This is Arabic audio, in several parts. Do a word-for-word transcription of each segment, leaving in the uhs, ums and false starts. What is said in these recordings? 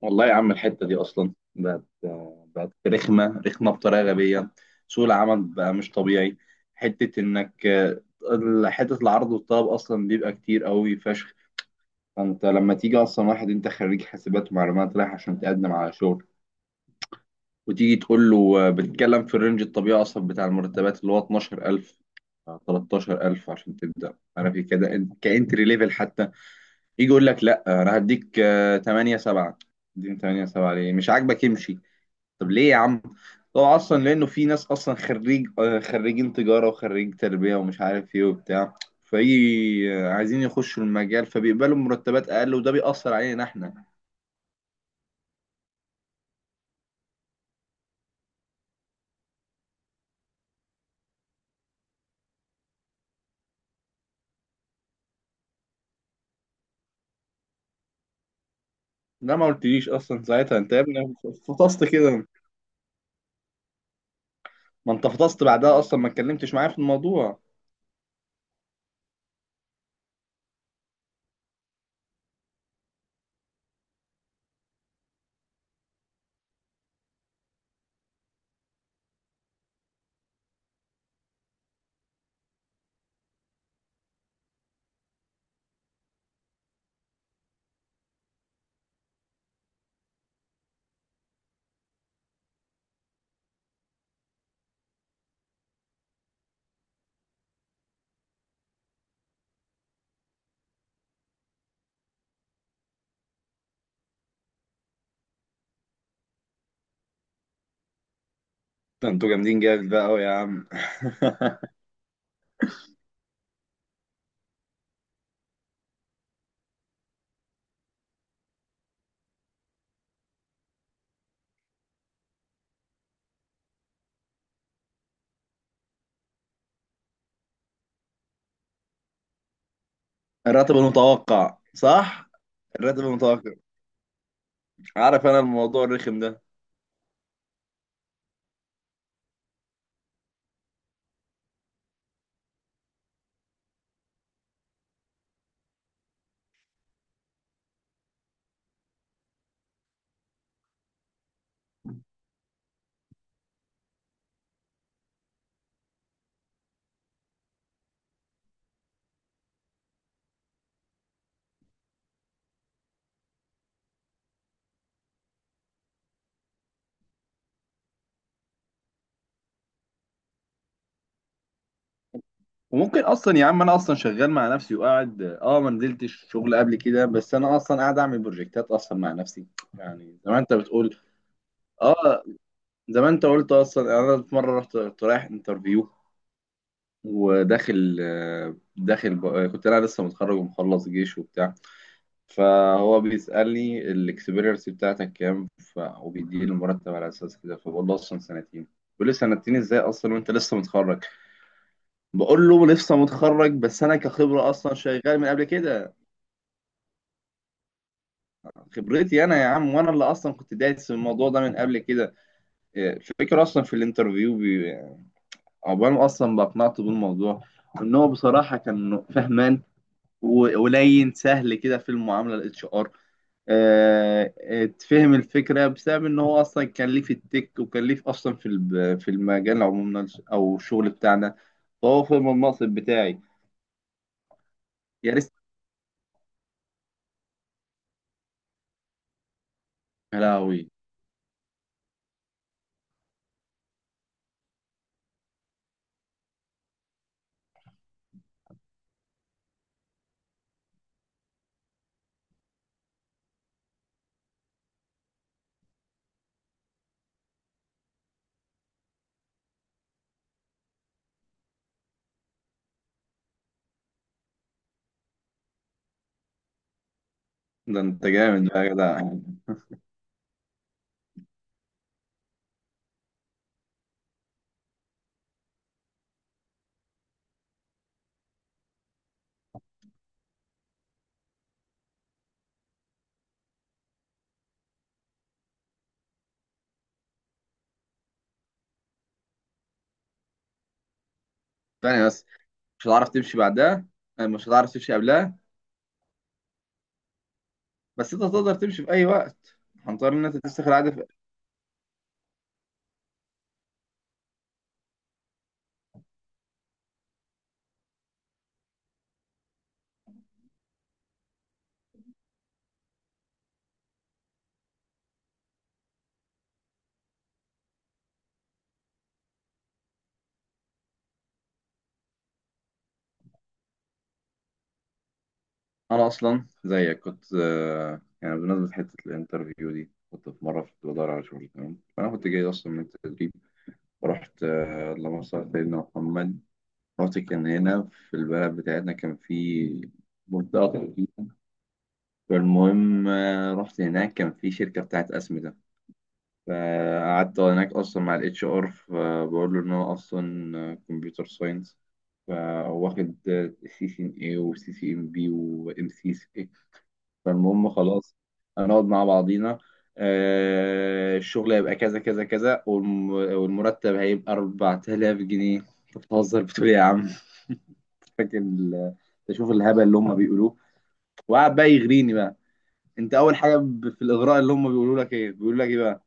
والله يا عم، الحتة دي أصلا بقت بقت رخمة رخمة بطريقة غبية. سوق العمل بقى مش طبيعي. حتة إنك حتة العرض والطلب أصلا بيبقى كتير قوي فشخ. فأنت لما تيجي أصلا، واحد أنت خريج حاسبات ومعلومات رايح عشان تقدم على شغل، وتيجي تقول له، بتتكلم في الرينج الطبيعي أصلا بتاع المرتبات اللي هو اتناشر ألف تلتاشر ألف عشان تبدأ، عارف إيه كده، كإنتري ليفل حتى. يجي يقول لك: لا، أنا هديك آه، تمانية سبعة. دي تمانية سبعة ليه؟ مش عاجبك امشي. طب ليه يا عم؟ هو اصلا لانه في ناس اصلا خريج آه، خريجين تجاره وخريج تربيه ومش عارف ايه وبتاع، فايه، آه، عايزين يخشوا المجال، فبيقبلوا مرتبات اقل، وده بيأثر علينا احنا. ده ما قلتليش اصلا ساعتها انت يا ابني، فطست كده. ما انت فطست بعدها، اصلا ما اتكلمتش معايا في الموضوع. ده انتوا جامدين جامد بقى أوي يا عم. الراتب المتوقع صح؟ الراتب المتوقع. عارف انا الموضوع الرخم ده. وممكن اصلا يا عم، انا اصلا شغال مع نفسي، وقاعد اه ما نزلتش شغل قبل كده، بس انا اصلا قاعد اعمل بروجكتات اصلا مع نفسي. يعني زي ما انت بتقول. اه زي ما انت قلت اصلا، يعني انا في مره رحت، كنت رايح انترفيو، وداخل آه، داخل ب... آه، كنت انا لسه متخرج ومخلص جيش وبتاع. فهو بيسالني الاكسبيرينس بتاعتك كام، ف... وبيديني المرتب على اساس كده، فبقول له اصلا سنتين. بيقول لي سنتين ازاي اصلا وانت لسه متخرج؟ بقول له لسه متخرج، بس انا كخبره اصلا شغال من قبل كده. خبرتي انا يا عم، وانا اللي اصلا كنت دايس في الموضوع ده من قبل كده. إيه، الفكره اصلا في الانترفيو بي- عقبال ما اصلا بقنعته بالموضوع، ان هو بصراحه كان فهمان و- ولين سهل كده في المعامله، الاتش ار تفهم الفكره بسبب ان هو اصلا كان ليه في التك، وكان ليه في- اصلا في الب- في المجال عموما، او الشغل بتاعنا. فهو فهم المنصب بتاعي. يا ريت. يا لهوي. ده انت جامد بقى يا جدع. ثانيه بس، مش هتعرف تمشي بعدها. آه، مش هتعرف تمشي قبلها. بس انت تقدر تمشي في اي وقت. هنضطر ان انت تفسخ العاده في... انا اصلا زيك كنت، آه، يعني بمناسبه حته الانترفيو دي، كنت في مره كنت بدور على شغل تمام. فانا كنت جاي اصلا من التدريب ورحت، آه، اللهم صل على سيدنا محمد. رحت، كان هنا في البلد بتاعتنا، كان في منطقه تدريب. فالمهم آه، رحت هناك، كان في شركه بتاعت اسمده. فقعدت هناك اصلا مع الاتش ار، فبقول له ان انا اصلا كمبيوتر ساينس، فهو واخد سي سي ان اي وسي سي ام بي وام سي سي. فالمهم خلاص، هنقعد مع بعضينا. آه، الشغل هيبقى كذا كذا كذا، والم- والمرتب هيبقى أربعة آلاف جنيه. انت بتهزر، بتقول إيه يا عم؟ فاكر ال- تشوف الهبل اللي هم بيقولوه. وقعد بقى يغريني بقى. انت اول حاجه ب- في الاغراء اللي هم بيقولوا لك ايه، بيقولوا لك ايه بقى؟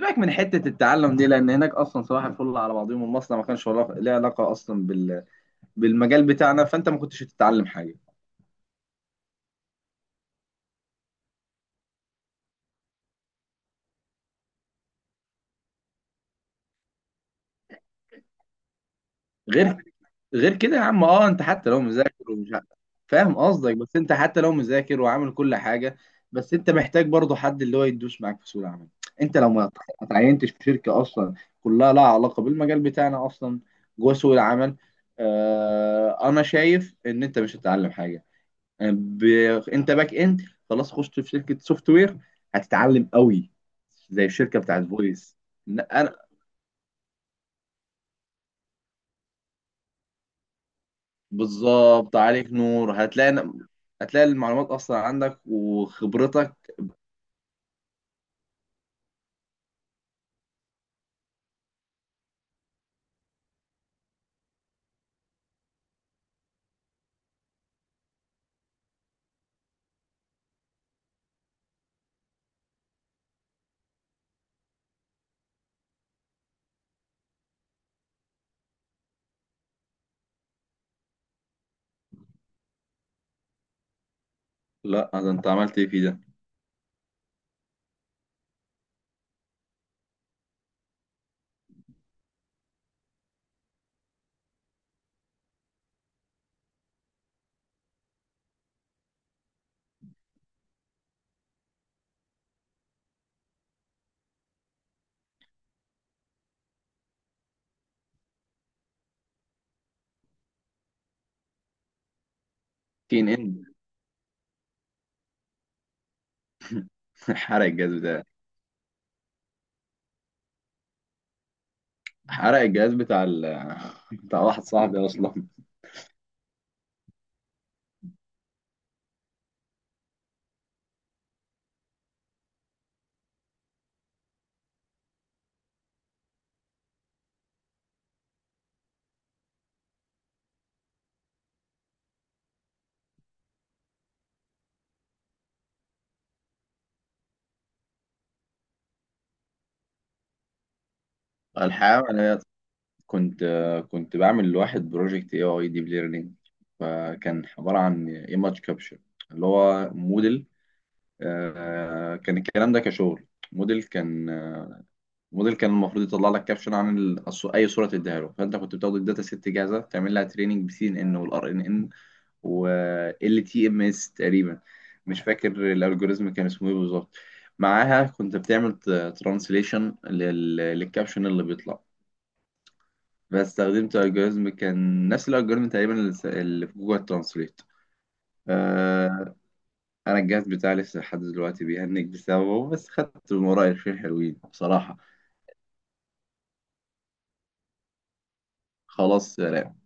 سيبك من حتة التعلم دي، لأن هناك أصلا صباح الفل على بعضهم، المصنع ما كانش ولا- ليه علاقة أصلا بال... بالمجال بتاعنا، فأنت ما كنتش هتتعلم حاجة غير غير كده يا عم. أه أنت حتى لو مذاكر ومش ع- فاهم قصدك، بس أنت حتى لو مذاكر وعامل كل حاجة، بس أنت محتاج برضه حد اللي هو يدوس معاك في سوق العمل. أنت لو ما ما اتعينتش في شركة أصلا كلها لها علاقة بالمجال بتاعنا أصلا، جوه سوق العمل، آه... أنا شايف إن أنت مش هتتعلم حاجة. ب... انت باك اند، خلاص خشت في شركه سوفت وير هتتعلم قوي، زي الشركه بتاعت فويس. لا، انا بالظبط عليك نور. هتلاقي هتلاقي المعلومات اصلا عندك وخبرتك. لا، ده انت عملت ايه فيه ده؟ تين ان. حرق الجهاز بتاعي. حرق الجهاز بتاع ال... بتاع واحد صاحبي اصلا. الحقيقه انا كنت كنت بعمل لواحد بروجكت اي اي ديب ليرنينج، فكان عباره عن ايماج كابشر، اللي هو موديل. آه، كان الكلام ده كشغل. موديل كان، آه، موديل كان المفروض يطلع لك كابشن عن ال- الص- اي صوره تديها له. فانت كنت بتاخد الداتا ست جاهزه، تعمل لها تريننج بسي ان ان والار ان ان وال تي ام اس تقريبا، مش فاكر الالجوريزم كان اسمه ايه بالظبط. معاها كنت بتعمل ترانسليشن للكابشن اللي بيطلع. فاستخدمت الجوريزم، كان نفس الالجوريزم تقريبا اللي س- اللي في جوجل ترانسليت. انا الجهاز بتاعي لسه لحد دلوقتي بيهنج بسببه، بس خدت من ورايا شويه حلوين بصراحه. خلاص.